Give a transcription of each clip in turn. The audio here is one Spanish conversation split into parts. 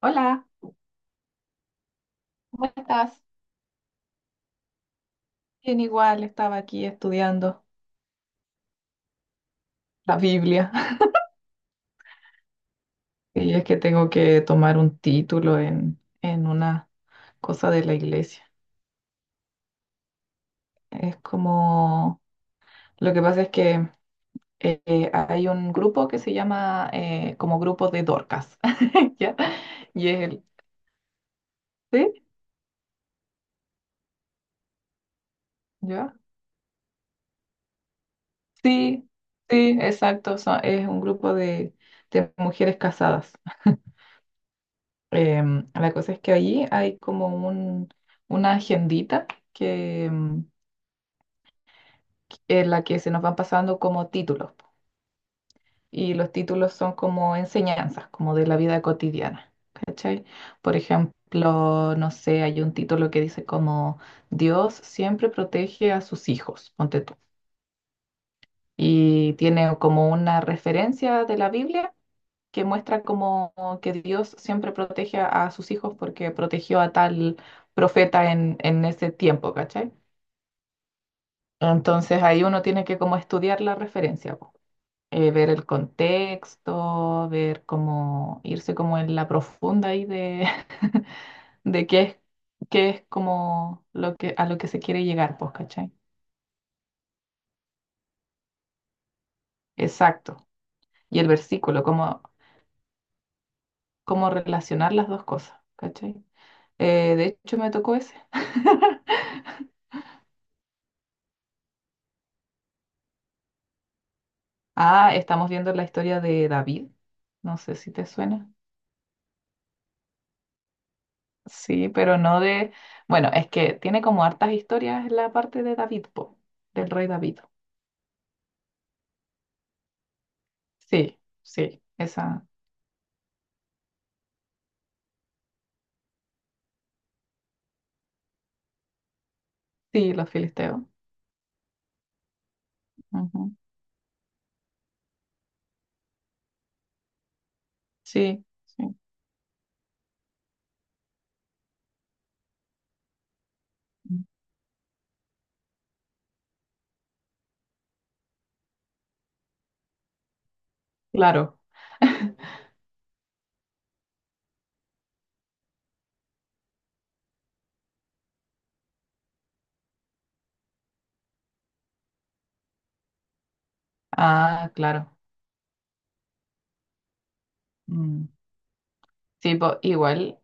Hola, ¿cómo estás? Bien, igual estaba aquí estudiando la Biblia. Y es que tengo que tomar un título en una cosa de la iglesia. Es como, lo que pasa es que hay un grupo que se llama como grupo de Dorcas. ¿Ya? Y es el, ¿sí? ¿Ya? Sí, sí, exacto. Es un grupo de mujeres casadas. La cosa es que allí hay como un, una agendita que, en la que se nos van pasando como títulos, po. Y los títulos son como enseñanzas, como de la vida cotidiana. ¿Cachai? Por ejemplo, no sé, hay un título que dice como Dios siempre protege a sus hijos, ponte tú. Y tiene como una referencia de la Biblia que muestra como que Dios siempre protege a sus hijos porque protegió a tal profeta en ese tiempo, ¿cachai? Entonces ahí uno tiene que como estudiar la referencia, po. Ver el contexto, ver cómo irse como en la profunda ahí de, de qué es como lo que, a lo que se quiere llegar, pues, ¿cachai? Exacto. Y el versículo, cómo, cómo relacionar las dos cosas, ¿cachai? De hecho me tocó ese. Ah, estamos viendo la historia de David. No sé si te suena. Sí, pero no de... Bueno, es que tiene como hartas historias la parte de David, po, del rey David. Sí, sí, esa. Sí, los filisteos. Ujú. Sí, sí. Mm. Claro. Ah, claro. Mm. Sí, po, igual.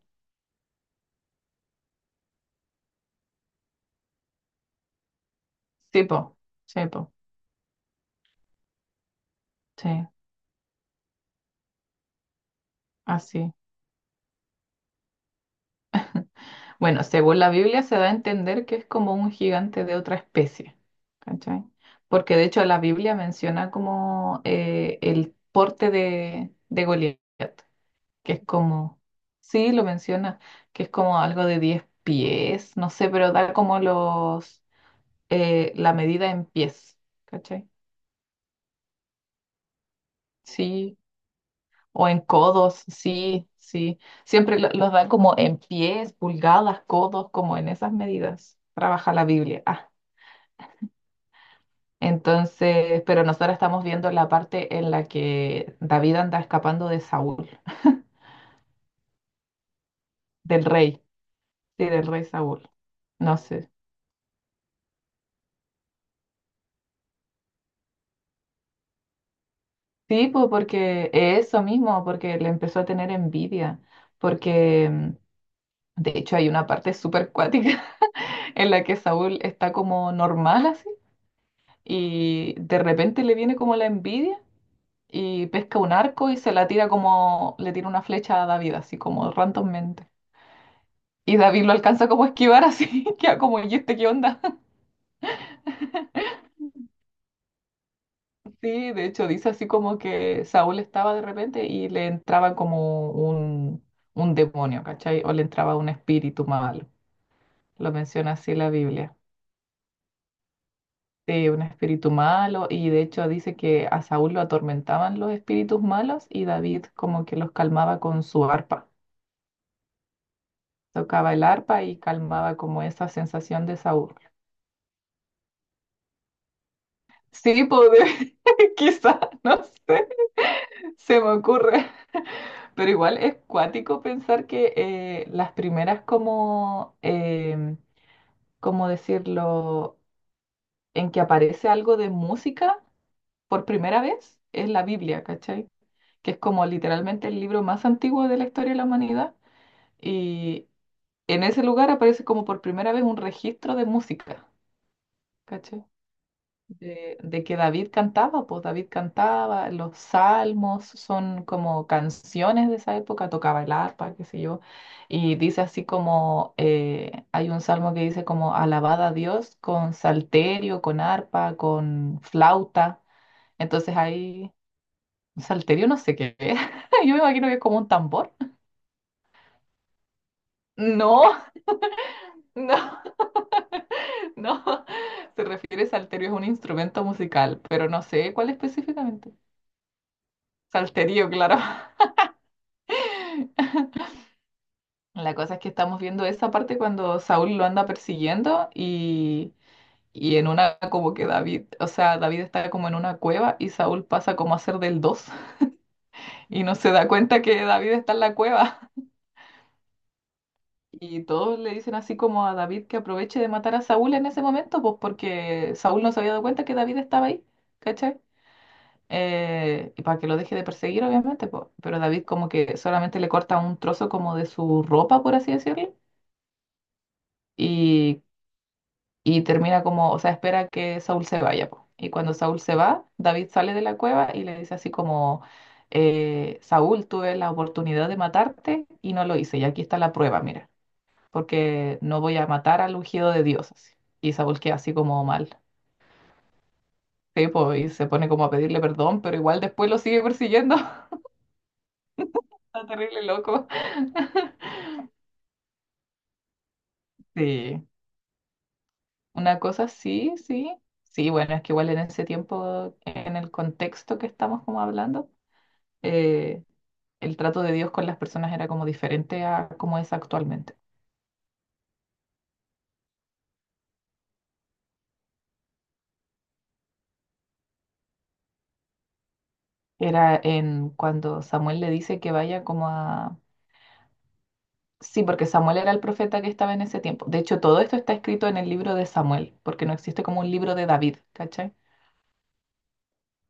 Sí, po. Sí, po. Sí, así. Bueno, según la Biblia se da a entender que es como un gigante de otra especie, ¿cachai? Porque de hecho la Biblia menciona como el porte de Goliat, que es como, sí, lo menciona, que es como algo de 10 pies, no sé, pero da como los, la medida en pies, ¿cachai? Sí, o en codos, sí, sí. Siempre los dan como en pies, pulgadas, codos, como en esas medidas. Trabaja la Biblia. Ah, entonces, pero nosotros estamos viendo la parte en la que David anda escapando de Saúl, del rey, sí, del rey Saúl. No sé. Sí, pues porque eso mismo, porque le empezó a tener envidia, porque de hecho hay una parte súper cuática en la que Saúl está como normal así y de repente le viene como la envidia y pesca un arco y se la tira como, le tira una flecha a David, así como randommente. Y David lo alcanza como a esquivar así, queda como, ¿y este qué onda? Sí, de hecho dice así como que Saúl estaba de repente y le entraba como un demonio, ¿cachai? O le entraba un espíritu malo. Lo menciona así la Biblia. Sí, un espíritu malo y de hecho dice que a Saúl lo atormentaban los espíritus malos y David como que los calmaba con su arpa. Tocaba el arpa y calmaba como esa sensación de Saúl. Sí, poder, quizá, no sé, se me ocurre. Pero igual es cuático pensar que las primeras como, ¿cómo decirlo?, en que aparece algo de música por primera vez es la Biblia, ¿cachai? Que es como literalmente el libro más antiguo de la historia de la humanidad y en ese lugar aparece como por primera vez un registro de música, ¿cachai? De que David cantaba, pues David cantaba, los salmos son como canciones de esa época, tocaba el arpa, qué sé yo, y dice así como, hay un salmo que dice como alabad a Dios con salterio, con arpa, con flauta, entonces ahí, salterio no sé qué es, yo me imagino que es como un tambor. No, no, no, se refiere salterio, es un instrumento musical, pero no sé cuál específicamente. Salterio, claro. La cosa es que estamos viendo esa parte cuando Saúl lo anda persiguiendo y en una como que David, o sea, David está como en una cueva y Saúl pasa como a ser del 2 y no se da cuenta que David está en la cueva. Y todos le dicen así como a David que aproveche de matar a Saúl en ese momento, pues porque Saúl no se había dado cuenta que David estaba ahí, ¿cachai? Y para que lo deje de perseguir, obviamente, pues. Pero David como que solamente le corta un trozo como de su ropa, por así decirlo. Y Y termina como, o sea, espera que Saúl se vaya, po. Y cuando Saúl se va, David sale de la cueva y le dice así como, Saúl, tuve la oportunidad de matarte y no lo hice. Y aquí está la prueba, mira, porque no voy a matar al ungido de Dios, así. Y Saúl queda así como mal. Sí, po, y se pone como a pedirle perdón, pero igual después lo sigue persiguiendo. Está terrible loco. Sí, una cosa sí, sí. Sí, bueno, es que igual en ese tiempo, en el contexto que estamos como hablando, eh, el trato de Dios con las personas era como diferente a como es actualmente. Era en cuando Samuel le dice que vaya como a... Sí, porque Samuel era el profeta que estaba en ese tiempo. De hecho, todo esto está escrito en el libro de Samuel, porque no existe como un libro de David, ¿cachai?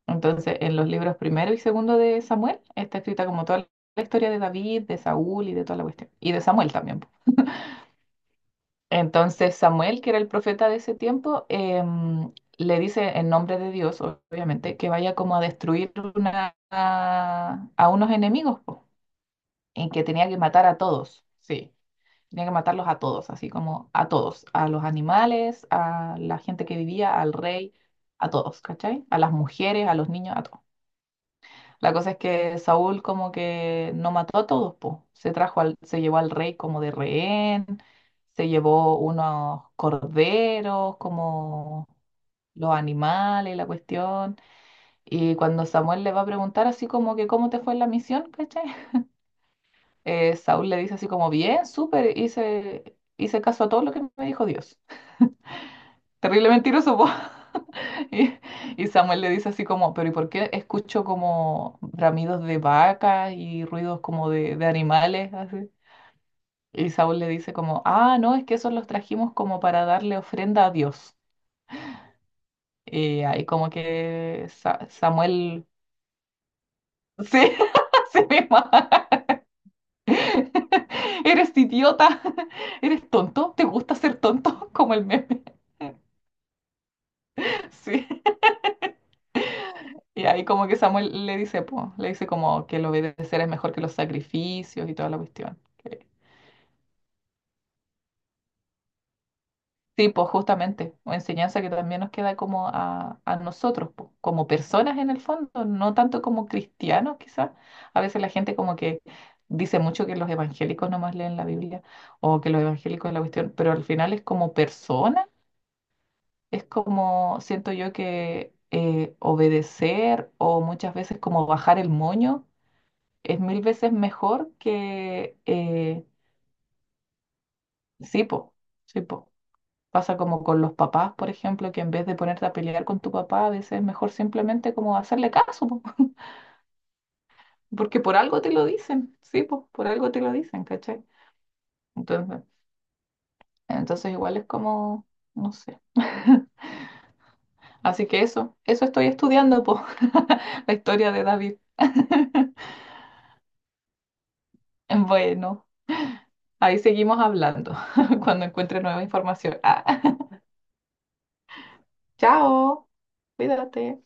Entonces, en los libros primero y segundo de Samuel está escrita como toda la historia de David, de Saúl y de toda la cuestión. Y de Samuel también. Entonces Samuel, que era el profeta de ese tiempo, le dice en nombre de Dios, obviamente, que vaya como a destruir a unos enemigos, po, en que tenía que matar a todos, sí, tenía que matarlos a todos, así como a todos, a los animales, a la gente que vivía, al rey, a todos, ¿cachai? A las mujeres, a los niños, a todos. La cosa es que Saúl como que no mató a todos, po. Se trajo al, se llevó al rey como de rehén, se llevó unos corderos, como los animales, la cuestión. Y cuando Samuel le va a preguntar así como que cómo te fue en la misión, ¿cachai? Saúl le dice así como, bien, súper, hice caso a todo lo que me dijo Dios. Terrible mentiroso, po. Y, y Samuel le dice así como, pero ¿y por qué escucho como bramidos de vaca y ruidos como de animales? Así. Y Saúl le dice como, ah, no, es que esos los trajimos como para darle ofrenda a Dios. Y ahí como que Samuel, sí, sí mismo. Eres idiota, eres tonto, ¿te gusta ser tonto? Como el meme, sí. Y ahí como que Samuel le dice, po, le dice como que el obedecer es mejor que los sacrificios y toda la cuestión. Sí, pues justamente, o enseñanza que también nos queda como a nosotros, po, como personas en el fondo, no tanto como cristianos quizás. A veces la gente como que dice mucho que los evangélicos nomás leen la Biblia o que los evangélicos es la cuestión, pero al final es como persona, es como siento yo que obedecer o muchas veces como bajar el moño es mil veces mejor que, sí, pues sí, pues. Pasa como con los papás, por ejemplo, que en vez de ponerte a pelear con tu papá, a veces es mejor simplemente como hacerle caso, po, porque por algo te lo dicen, sí, pues por algo te lo dicen, ¿cachai? Entonces, entonces igual es como, no sé. Así que eso estoy estudiando, po, la historia de David. Bueno, ahí seguimos hablando cuando encuentre nueva información. Ah, chao, cuídate.